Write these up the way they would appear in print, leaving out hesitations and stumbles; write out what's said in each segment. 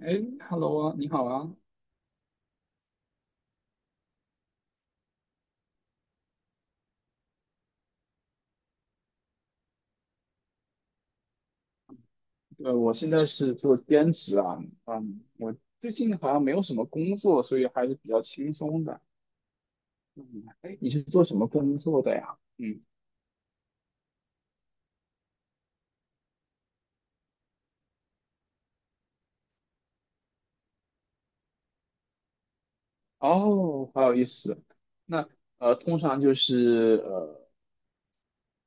哎，Hello 啊，你好啊。我现在是做兼职啊，嗯，我最近好像没有什么工作，所以还是比较轻松的。嗯，哎，你是做什么工作的呀？嗯，哦，好有意思。那呃，通常就是呃，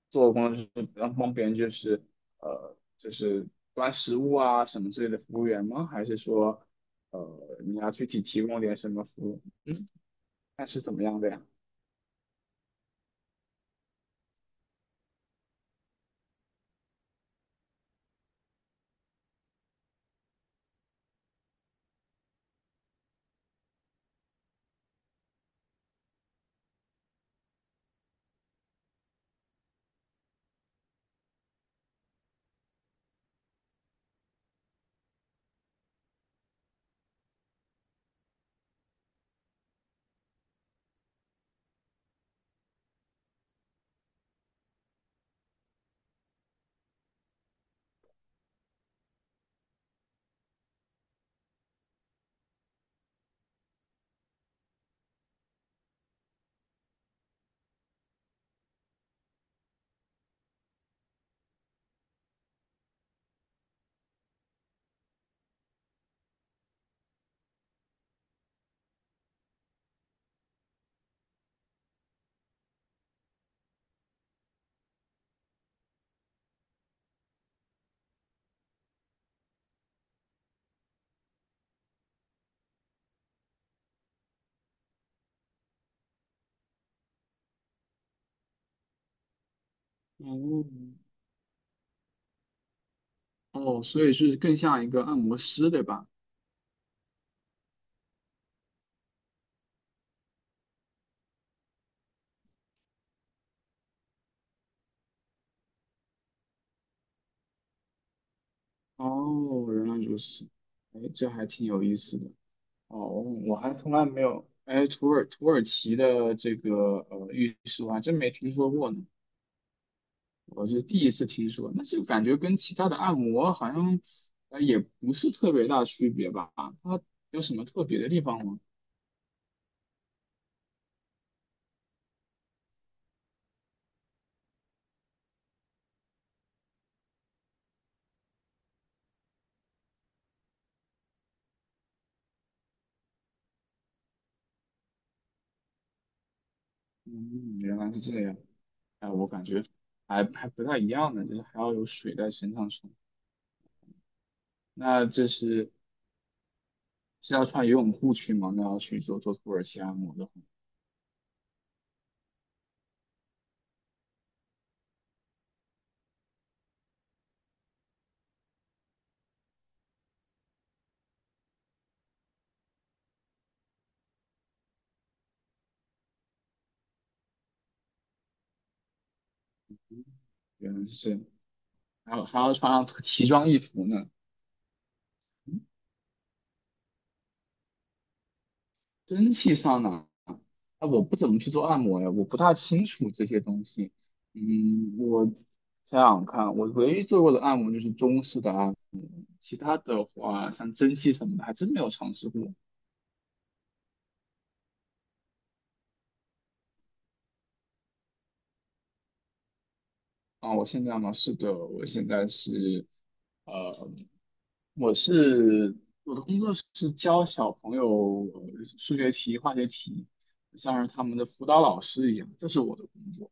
做工作就是帮别人，就是端食物啊什么之类的服务员吗？还是说呃，你要具体提供点什么服务？那是怎么样的呀？嗯。哦，所以是更像一个按摩师，对吧？哦，原来如此，哎，这还挺有意思的。哦，我还从来没有，哎，土耳其的这个浴室我还真没听说过呢，我是第一次听说。那就感觉跟其他的按摩好像，呃，也不是特别大区别吧？它有什么特别的地方吗？嗯，原来是这样。哎，我感觉还不太一样呢，就是还要有水在身上冲。那这是是要穿游泳裤去吗？那要去做土耳其按摩的话，原来是，还有还要穿上奇装异服呢。嗯蒸汽上拿，啊，我不怎么去做按摩呀，我不大清楚这些东西。嗯，我想想看，我唯一做过的按摩就是中式的按摩，其他的话像蒸汽什么的还真没有尝试过。啊，我现在吗？是的，我现在是，呃，我是我的工作是教小朋友数学题、化学题，像是他们的辅导老师一样，这是我的工作。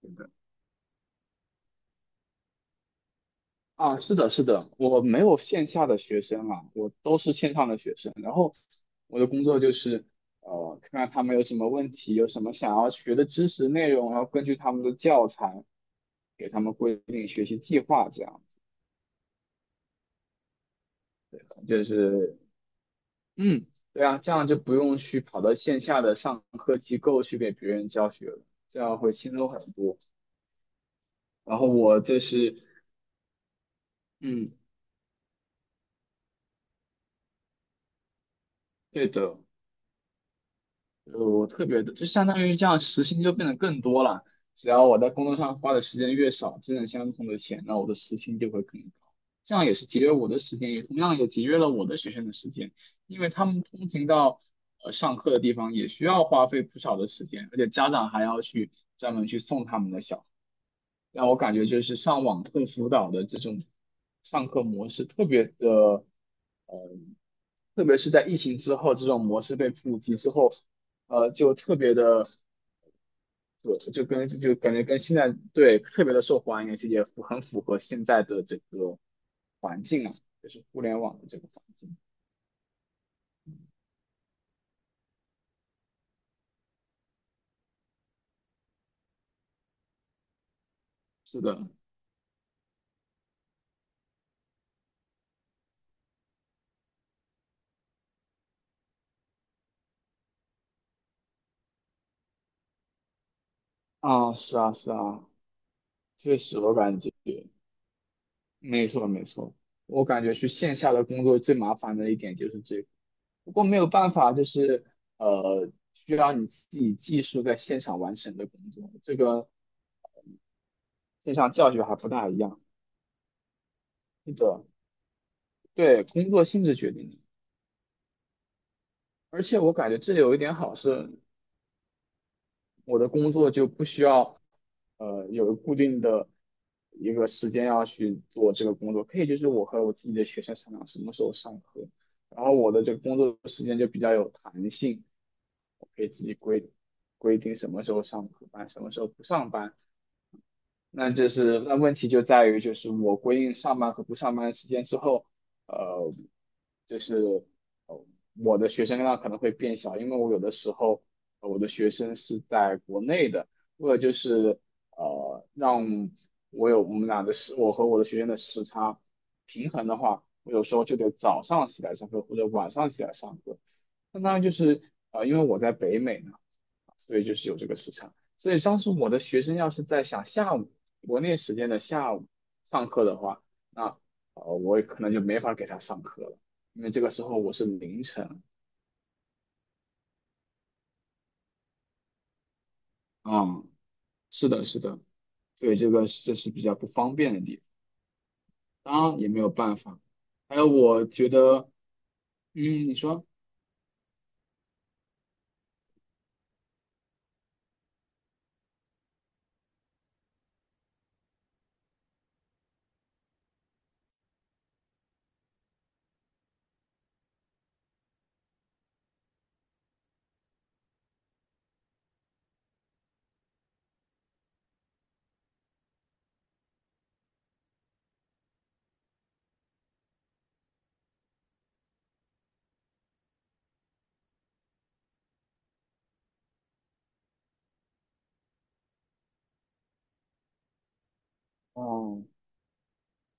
对的。啊，是的，是的，我没有线下的学生啊，我都是线上的学生。然后我的工作就是，呃，看看他们有什么问题，有什么想要学的知识内容，然后根据他们的教材，给他们规定学习计划，这样子，就是。嗯，对啊，这样就不用去跑到线下的上课机构去给别人教学了，这样会轻松很多。然后我这是，嗯，对的，我特别的，就相当于这样时薪就变得更多了。只要我在工作上花的时间越少，挣的相同的钱，那我的时薪就会更高。这样也是节约我的时间，也同样也节约了我的学生的时间，因为他们通勤到上课的地方也需要花费不少的时间，而且家长还要去专门去送他们的小。让我感觉就是上网课辅导的这种上课模式特别的，特别是在疫情之后，这种模式被普及之后，呃，就特别的，呃就跟就感觉跟现在对特别的受欢迎，而且也很符合现在的这个环境啊，就是互联网的这个环境。是的，啊，是啊，是啊，确实我感觉。没错，没错，我感觉去线下的工作最麻烦的一点就是这个，不过没有办法，就是呃，需要你自己技术在现场完成的工作，这个线上教学还不大一样。是的，对，工作性质决定的，而且我感觉这里有一点好是。我的工作就不需要，呃，有固定的一个时间要去做这个工作，可以就是我和我自己的学生商量什么时候上课，然后我的这个工作时间就比较有弹性，我可以自己规规定什么时候上课班，什么时候不上班，那就是那问题就在于，就是我规定上班和不上班的时间之后，呃，就是呃我的学生量可能会变小，因为我有的时候我的学生是在国内的，为了就是呃让我有我们俩的时，我和我的学生的时差平衡的话，我有时候就得早上起来上课或者晚上起来上课。相当于就是因为我在北美嘛。所以就是有这个时差。所以当时我的学生要是在想下午国内时间的下午上课的话，那我可能就没法给他上课了，因为这个时候我是凌晨。嗯，是的，是的，对，这个这是比较不方便的地方，当然也没有办法。还有我觉得，嗯，你说，哦，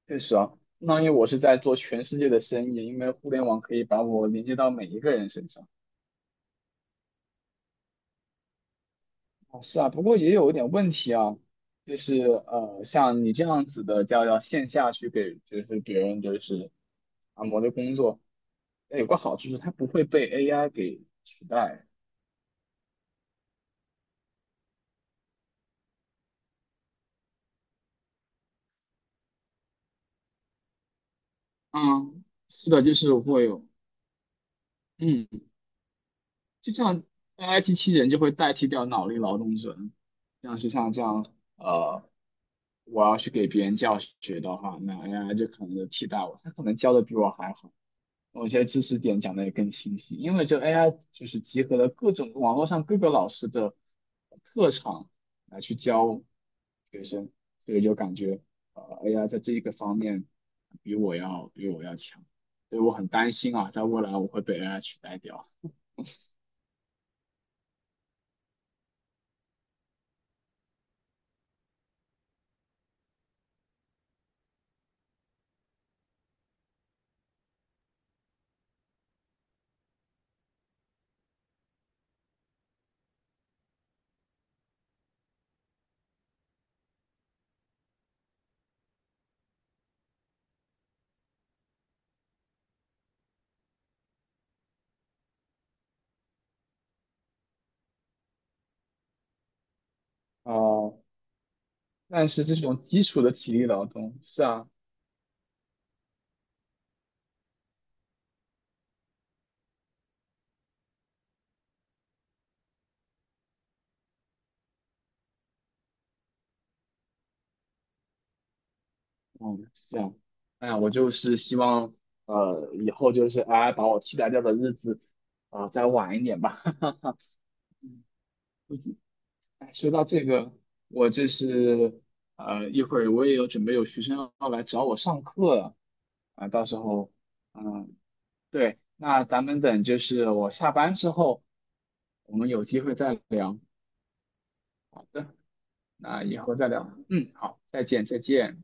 确实啊，相当于我是在做全世界的生意，因为互联网可以把我连接到每一个人身上。哦是啊，不过也有一点问题啊，就是呃，像你这样子的，叫要线下去给就是别人就是按摩的工作，那有个好处是它不会被 AI 给取代。嗯，是的，就是会有，嗯，就像 AI 机器人就会代替掉脑力劳动者，像是像这样，呃，我要去给别人教学的话，那 AI 就可能就替代我，它可能教的比我还好。某些知识点讲的也更清晰，因为这 AI 就是集合了各种网络上各个老师的特长来去教学生，所以就感觉AI 在这一个方面比我要强，所以我很担心啊，在未来我会被 AI 取代掉。呃，但是这种基础的体力劳动，是啊，嗯，是啊，哎呀，我就是希望以后就是 AI 把我替代掉的日子啊，再晚一点吧。哎说到这个，我这是呃，一会儿我也有准备有学生要来找我上课了啊，到时候，嗯，对，那咱们等就是我下班之后，我们有机会再聊，那以后再聊，嗯，好，再见，再见。